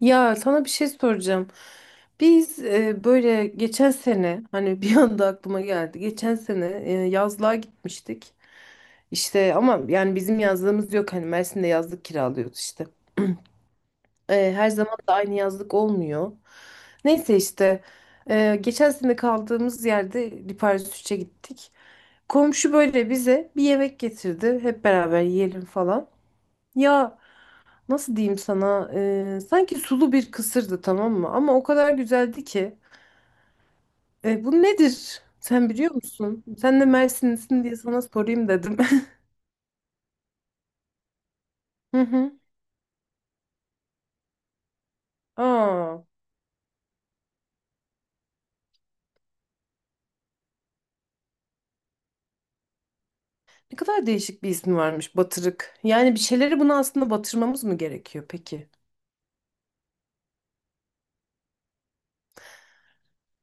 Ya sana bir şey soracağım. Biz böyle geçen sene hani bir anda aklıma geldi. Geçen sene yazlığa gitmiştik. İşte ama yani bizim yazlığımız yok. Hani Mersin'de yazlık kiralıyoruz işte. Her zaman da aynı yazlık olmuyor. Neyse işte geçen sene kaldığımız yerde Liparis 3'e gittik. Komşu böyle bize bir yemek getirdi. Hep beraber yiyelim falan. Ya, nasıl diyeyim sana? Sanki sulu bir kısırdı, tamam mı? Ama o kadar güzeldi ki. Bu nedir? Sen biliyor musun? Sen de Mersinlisin diye sana sorayım dedim. Hı hı. Aa, ne kadar değişik bir ismi varmış batırık. Yani bir şeyleri buna aslında batırmamız mı gerekiyor peki?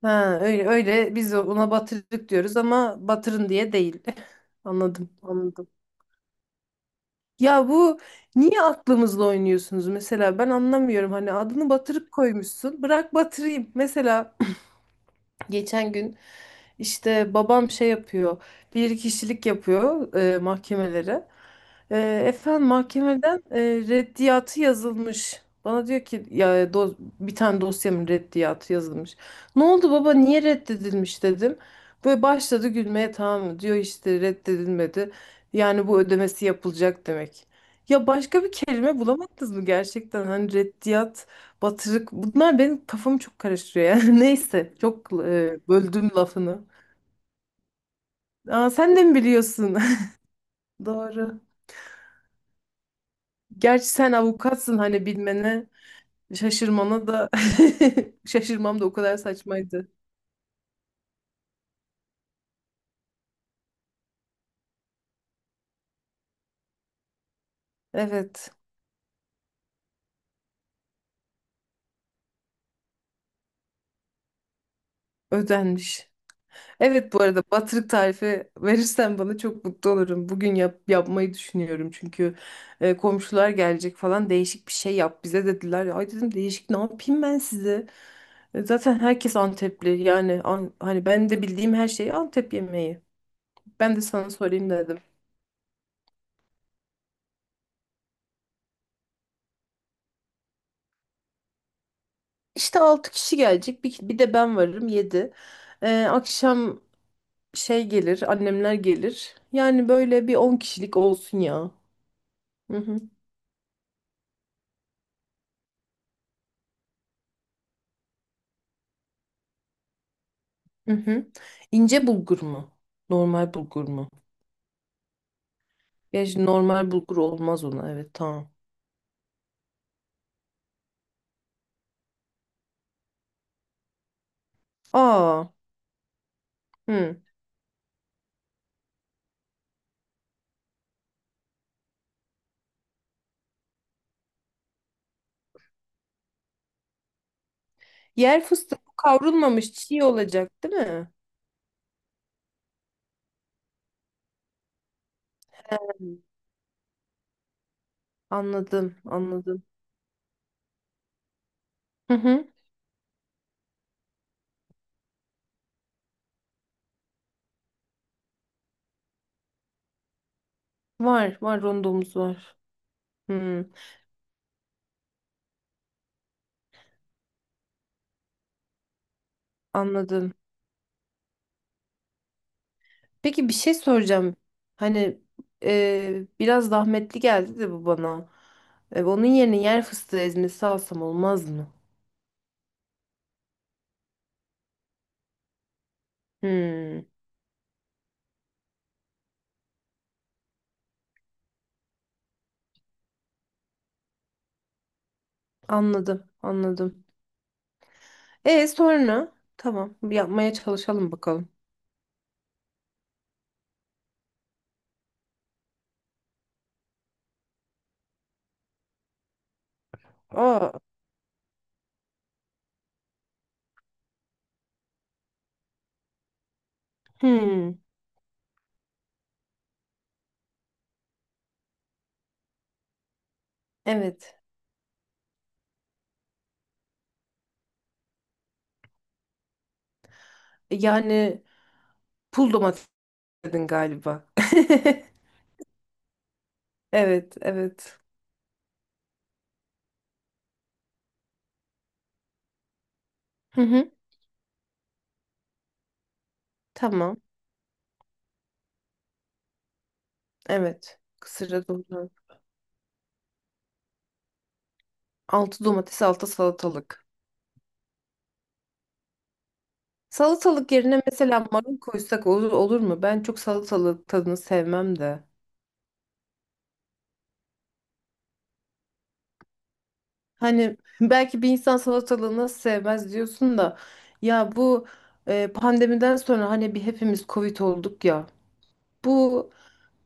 Ha, öyle öyle biz ona batırık diyoruz ama batırın diye değil. Anladım, anladım. Ya bu niye aklımızla oynuyorsunuz, mesela ben anlamıyorum. Hani adını batırık koymuşsun, bırak batırayım. Mesela geçen gün işte babam şey yapıyor, bir kişilik yapıyor mahkemelere. E, Efendim mahkemeden reddiyatı yazılmış. Bana diyor ki, ya bir tane dosyamın reddiyatı yazılmış. Ne oldu baba, niye reddedilmiş dedim. Böyle başladı gülmeye, tamam mı? Diyor işte reddedilmedi. Yani bu ödemesi yapılacak demek. Ya başka bir kelime bulamadınız mı gerçekten? Hani reddiyat. Batırık. Bunlar benim kafamı çok karıştırıyor yani. Neyse. Çok böldüm lafını. Aa, sen de mi biliyorsun? Doğru. Gerçi sen avukatsın, hani bilmene şaşırmana da şaşırmam, da o kadar saçmaydı. Evet. Ödenmiş. Evet, bu arada batırık tarifi verirsen bana çok mutlu olurum. Bugün yapmayı düşünüyorum, çünkü komşular gelecek falan, değişik bir şey yap bize dediler. Ay dedim, değişik ne yapayım ben size? Zaten herkes Antepli. Yani hani ben de bildiğim her şey Antep yemeği. Ben de sana sorayım dedim. İşte 6 kişi gelecek. Bir de ben varım, 7. Akşam şey gelir, annemler gelir. Yani böyle bir 10 kişilik olsun ya. Hı hı, hı hı. İnce bulgur mu? Normal bulgur mu? Ya şimdi normal bulgur olmaz ona. Evet, tamam. Aa, hı. Yer fıstığı kavrulmamış, çiğ olacak değil mi? Hı. Anladım, anladım. Hı hı. Var, var, rondomuz var. Hmm, anladım. Peki bir şey soracağım. Hani biraz zahmetli geldi de bu bana. Onun yerine yer fıstığı ezmesi alsam olmaz mı? Hmm, anladım, anladım. Sonra tamam, bir yapmaya çalışalım bakalım. Aa, hmm, evet. Yani pul domates dedin galiba. Evet, evet. Hı hı, tamam. Evet. Kısırda domates. 6 domates, 6 salatalık. Salatalık yerine mesela marul koysak olur, olur mu? Ben çok salatalık tadını sevmem de. Hani belki bir insan salatalığı nasıl sevmez diyorsun da, ya bu pandemiden sonra hani bir hepimiz Covid olduk ya. Bu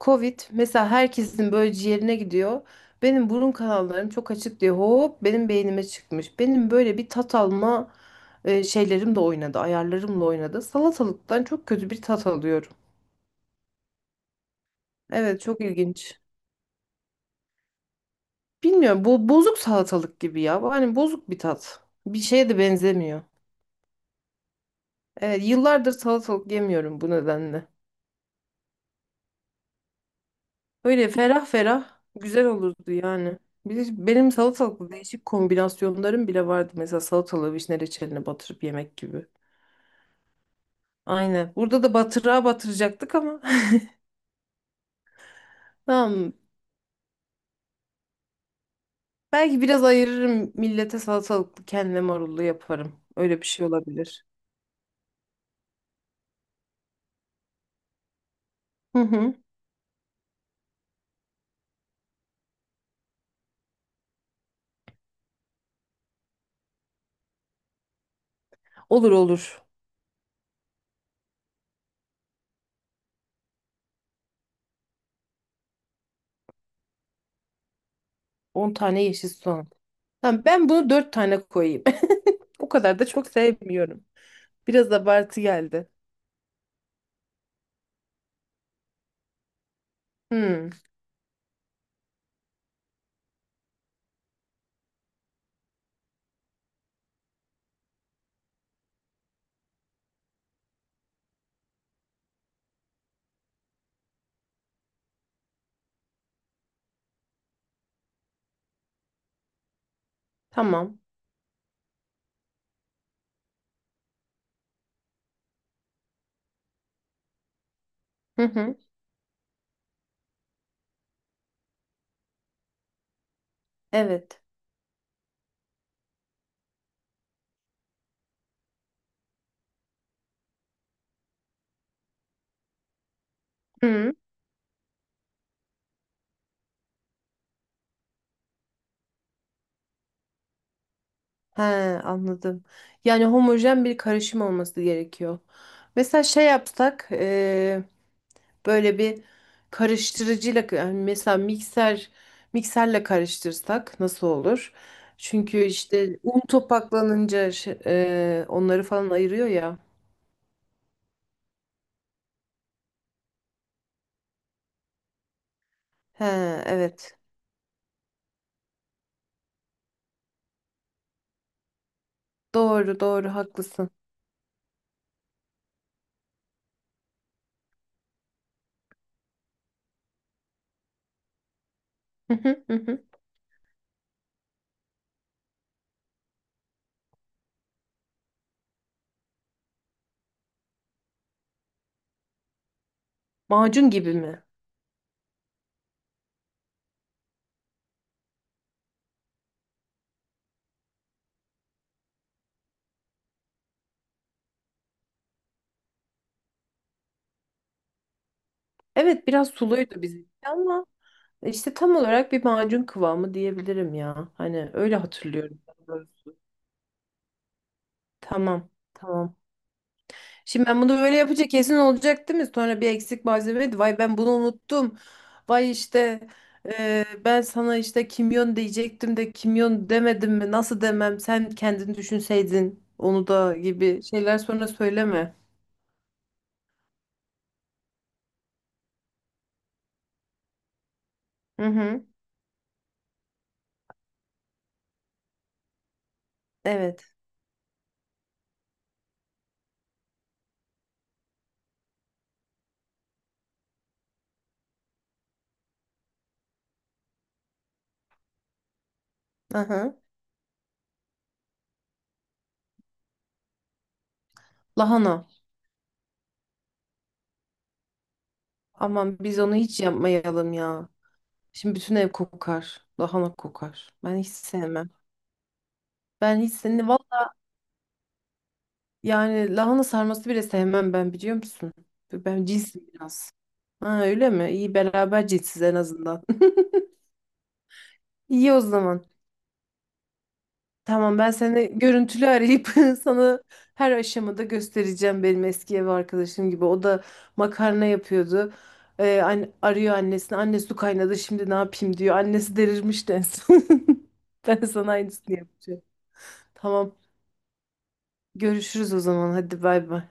Covid mesela herkesin böyle ciğerine gidiyor. Benim burun kanallarım çok açık diye hop benim beynime çıkmış. Benim böyle bir tat alma şeylerim de oynadı, ayarlarımla oynadı. Salatalıktan çok kötü bir tat alıyorum. Evet, çok ilginç. Bilmiyorum, bu bozuk salatalık gibi ya. Bu, hani bozuk bir tat. Bir şeye de benzemiyor. Evet, yıllardır salatalık yemiyorum bu nedenle. Öyle ferah ferah güzel olurdu yani. Bir de benim salatalıklı değişik kombinasyonlarım bile vardı. Mesela salatalığı vişne reçeline batırıp yemek gibi. Aynen. Burada da batırığa batıracaktık ama. Tamam. Belki biraz ayırırım, millete salatalıklı, kendime marullu yaparım. Öyle bir şey olabilir. Hı hı. Olur, olur. 10 tane yeşil soğan. Tamam, ben bunu 4 tane koyayım. O kadar da çok sevmiyorum. Biraz abartı geldi. Hmm, tamam. Hı hı. Evet. Hı. He, anladım. Yani homojen bir karışım olması gerekiyor. Mesela şey yapsak, böyle bir karıştırıcıyla, yani mesela mikserle karıştırsak nasıl olur? Çünkü işte un topaklanınca onları falan ayırıyor ya. He, evet. Doğru doğru haklısın. Hı hı, hı hı. Macun gibi mi? Evet, biraz suluydu bizimki ama işte tam olarak bir macun kıvamı diyebilirim ya. Hani öyle hatırlıyorum, daha doğrusu. Tamam. Tamam. Şimdi ben bunu böyle yapınca kesin olacak değil mi? Sonra bir eksik malzeme. Vay, ben bunu unuttum. Vay işte ben sana işte kimyon diyecektim de kimyon demedim mi? Nasıl demem? Sen kendin düşünseydin onu da gibi şeyler sonra söyleme. Hı hı. Evet. Aha. Lahana. Aman biz onu hiç yapmayalım ya. Şimdi bütün ev kokar, lahana kokar. Ben hiç sevmem. Ben hiç seni yani lahana sarması bile sevmem ben, biliyor musun? Ben cinsim biraz. Ha, öyle mi? İyi, beraber cinsiz en azından. İyi o zaman. Tamam, ben seni görüntülü arayıp sana her aşamada göstereceğim, benim eski ev arkadaşım gibi. O da makarna yapıyordu. Arıyor annesini. Anne, su kaynadı, şimdi ne yapayım diyor. Annesi delirmiş en son. Ben sana aynısını yapacağım. Tamam, görüşürüz o zaman, hadi bay bay.